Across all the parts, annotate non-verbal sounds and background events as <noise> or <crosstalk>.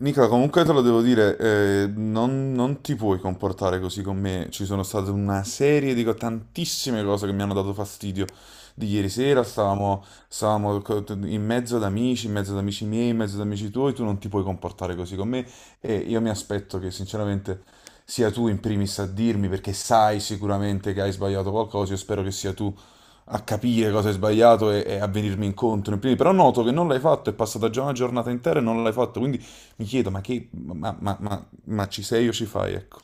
Nicola, comunque te lo devo dire, non ti puoi comportare così con me. Ci sono state una serie di tantissime cose che mi hanno dato fastidio. Di ieri sera in mezzo ad amici, in mezzo ad amici miei, in mezzo ad amici tuoi, tu non ti puoi comportare così con me, e io mi aspetto che sinceramente sia tu in primis a dirmi, perché sai sicuramente che hai sbagliato qualcosa. Io spero che sia tu a capire cosa hai sbagliato, e a venirmi incontro. In primis. Però noto che non l'hai fatto, è passata già una giornata intera e non l'hai fatto, quindi mi chiedo, ma che, ma ci sei o ci fai, ecco.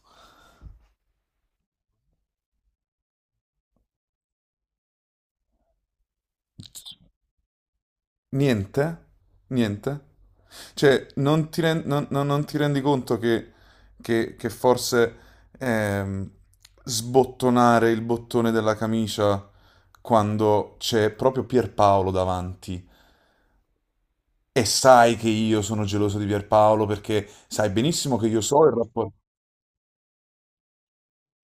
Niente? Niente? Cioè, non ti rendi conto che forse ehm, sbottonare il bottone della camicia quando c'è proprio Pierpaolo davanti, e sai che io sono geloso di Pierpaolo perché sai benissimo che io so il rapporto...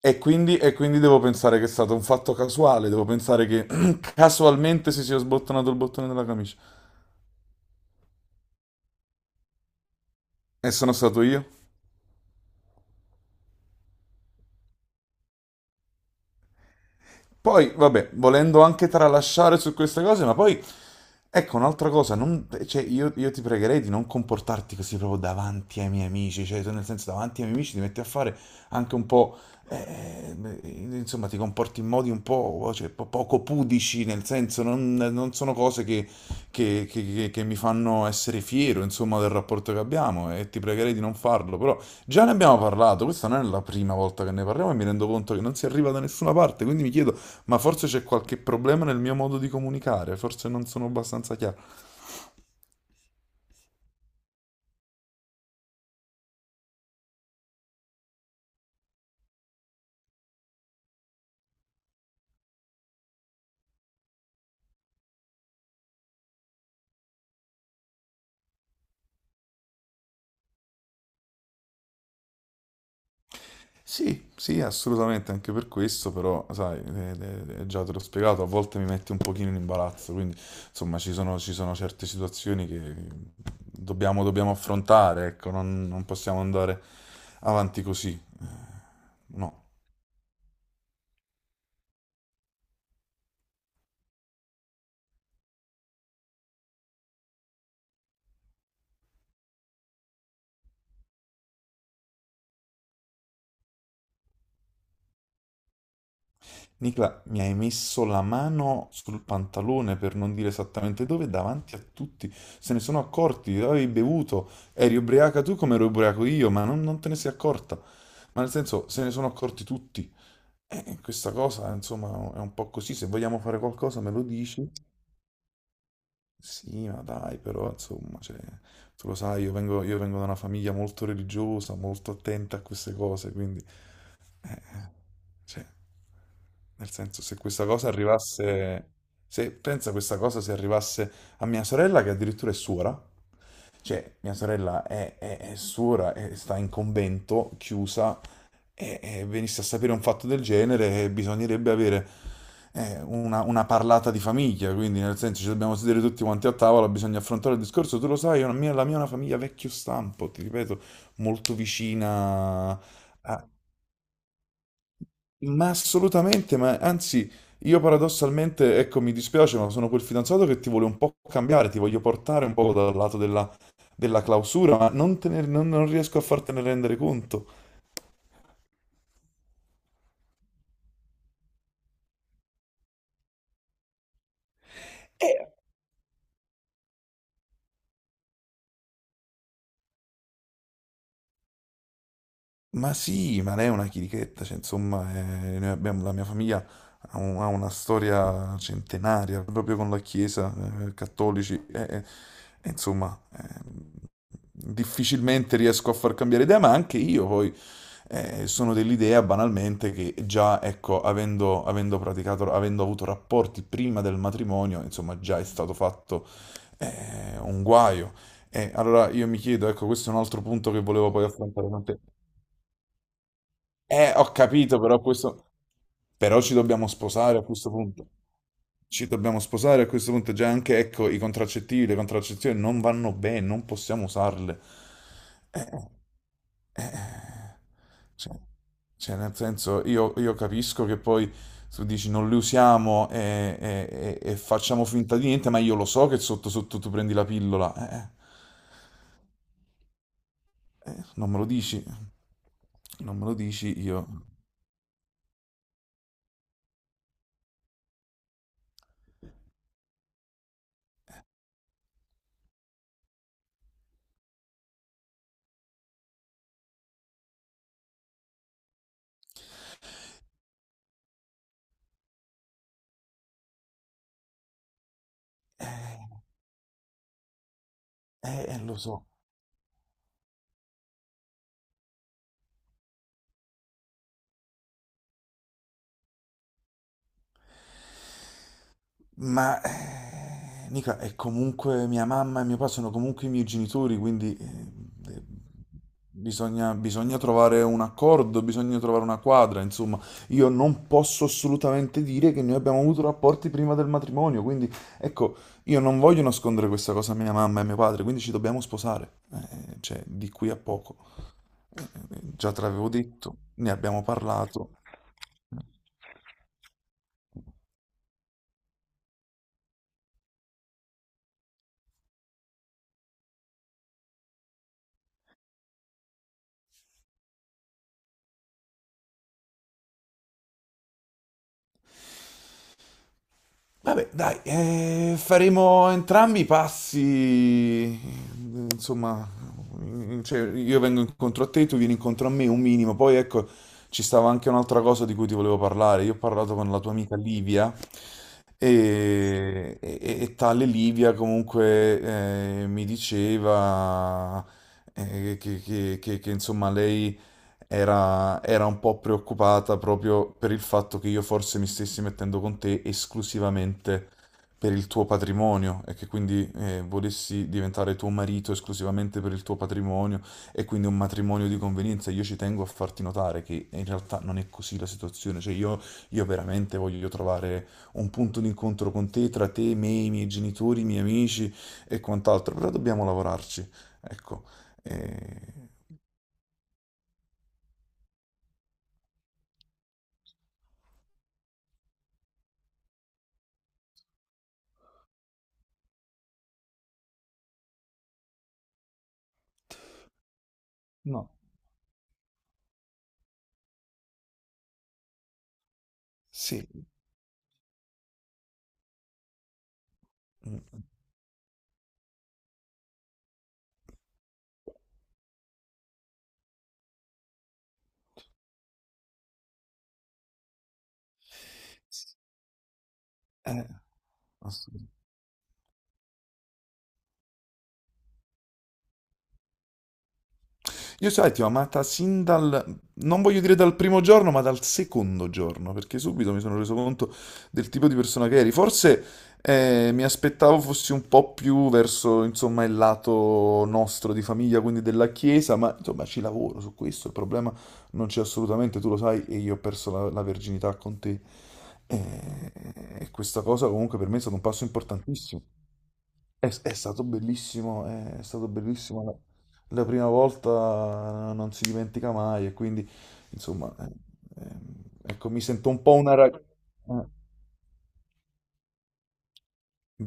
E quindi devo pensare che è stato un fatto casuale, devo pensare che <clears throat> casualmente si sia sbottonato il bottone della camicia. E sono stato io. Poi, vabbè, volendo anche tralasciare su queste cose, ma poi, ecco, un'altra cosa, cioè, io ti pregherei di non comportarti così proprio davanti ai miei amici, cioè, tu nel senso, davanti ai miei amici ti metti a fare anche un po', beh, insomma, ti comporti in modi un po', cioè, poco pudici, nel senso, non sono cose che mi fanno essere fiero, insomma, del rapporto che abbiamo, e ti pregherei di non farlo, però già ne abbiamo parlato, questa non è la prima volta che ne parliamo e mi rendo conto che non si arriva da nessuna parte, quindi mi chiedo... Ma forse c'è qualche problema nel mio modo di comunicare, forse non sono abbastanza chiaro. Sì, sì, assolutamente, anche per questo, però, sai, già te l'ho spiegato, a volte mi metti un pochino in imbarazzo, quindi, insomma, ci sono certe situazioni che dobbiamo affrontare, ecco, non possiamo andare avanti così, no. Nicla, mi hai messo la mano sul pantalone per non dire esattamente dove, davanti a tutti. Se ne sono accorti, avevi bevuto, eri ubriaca tu come ero ubriaco io, ma non te ne sei accorta. Ma nel senso, se ne sono accorti tutti. E questa cosa, insomma, è un po' così. Se vogliamo fare qualcosa, me lo dici? Sì, ma dai, però, insomma, cioè, tu lo sai, io vengo da una famiglia molto religiosa, molto attenta a queste cose, quindi... Eh, cioè, nel senso, se pensa questa cosa se arrivasse a mia sorella, che addirittura è suora, cioè mia sorella è suora e sta in convento, chiusa, e venisse a sapere un fatto del genere, bisognerebbe avere una parlata di famiglia, quindi nel senso ci dobbiamo sedere tutti quanti a tavola, bisogna affrontare il discorso, tu lo sai, la mia è una famiglia vecchio stampo, ti ripeto, molto vicina... a- ma assolutamente, ma anzi, io paradossalmente, ecco, mi dispiace, ma sono quel fidanzato che ti vuole un po' cambiare, ti voglio portare un po' dal lato della clausura, ma non, te ne- non- non riesco a fartene rendere conto. Ma sì, ma lei è una chirichetta, cioè, insomma, la mia famiglia ha una storia centenaria proprio con la Chiesa, cattolici, e insomma, difficilmente riesco a far cambiare idea, ma anche io poi sono dell'idea banalmente che già, ecco, avendo praticato, avendo avuto rapporti prima del matrimonio, insomma, già è stato fatto un guaio. E allora io mi chiedo, ecco, questo è un altro punto che volevo poi affrontare con te. Ho capito, però questo... Però ci dobbiamo sposare a questo punto. Ci dobbiamo sposare a questo punto. Già anche, ecco, i contraccettivi, le contraccezioni non vanno bene, non possiamo usarle. Eh, eh, eh, cioè, cioè, nel senso, io capisco che poi tu dici non le usiamo e facciamo finta di niente, ma io lo so che sotto sotto tu prendi la pillola. Non me lo dici. Non me lo dici io. eh. Lo so, ma Nica è comunque mia mamma e mio papà sono comunque i miei genitori, quindi eh, bisogna trovare un accordo, bisogna trovare una quadra, insomma, io non posso assolutamente dire che noi abbiamo avuto rapporti prima del matrimonio, quindi ecco, io non voglio nascondere questa cosa a mia mamma e a mio padre, quindi ci dobbiamo sposare, cioè di qui a poco. Già te l'avevo detto, ne abbiamo parlato. Vabbè, dai, faremo entrambi i passi, insomma, cioè, io vengo incontro a te, tu vieni incontro a me, un minimo. Poi ecco, ci stava anche un'altra cosa di cui ti volevo parlare. Io ho parlato con la tua amica Livia e tale Livia comunque mi diceva che, insomma lei era un po' preoccupata proprio per il fatto che io forse mi stessi mettendo con te esclusivamente per il tuo patrimonio e che quindi volessi diventare tuo marito esclusivamente per il tuo patrimonio e quindi un matrimonio di convenienza. Io ci tengo a farti notare che in realtà non è così la situazione, cioè io veramente voglio trovare un punto d'incontro con te, tra te, me, i miei genitori, i miei amici e quant'altro, però dobbiamo lavorarci, ecco. Eh, No, sì, mm. Eh, Assolutamente. Io sai, ti ho amata sin dal, non voglio dire dal primo giorno, ma dal secondo giorno, perché subito mi sono reso conto del tipo di persona che eri. Forse mi aspettavo fossi un po' più verso, insomma, il lato nostro di famiglia, quindi della chiesa, ma insomma ci lavoro su questo, il problema non c'è assolutamente, tu lo sai, e io ho perso la verginità con te. E, e questa cosa comunque per me è stato un passo importantissimo. È stato bellissimo, è stato bellissimo. La prima volta non si dimentica mai e quindi, insomma, eh, ecco, mi sento un po' una ragazza.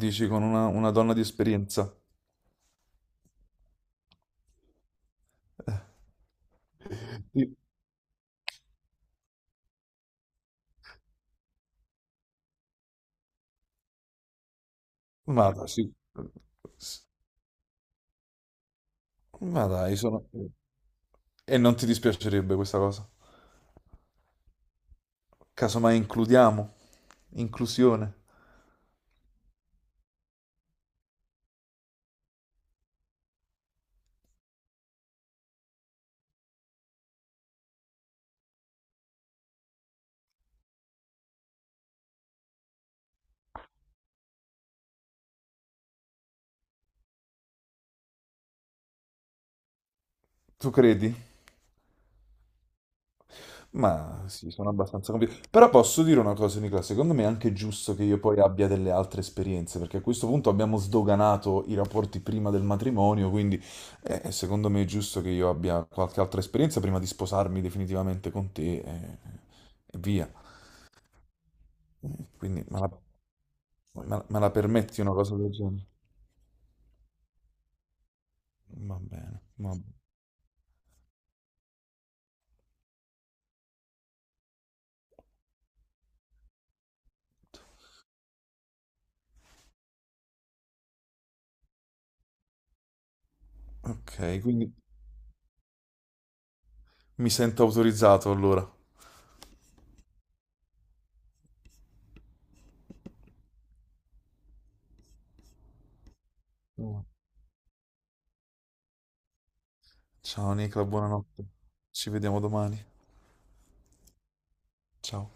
Dici con una donna di esperienza. <laughs> Sì. Ma dai, sì. S- Ma dai, sono... E non ti dispiacerebbe questa cosa? Casomai includiamo, inclusione. Tu credi? Ma sì, sono abbastanza convinto. Però posso dire una cosa, Nicola, secondo me è anche giusto che io poi abbia delle altre esperienze, perché a questo punto abbiamo sdoganato i rapporti prima del matrimonio, quindi secondo me è giusto che io abbia qualche altra esperienza prima di sposarmi definitivamente con te e, via. Quindi me la permetti una cosa del genere? Va bene, va bene. Ok, quindi mi sento autorizzato allora. Ciao Nicola, buonanotte. Ci vediamo domani. Ciao.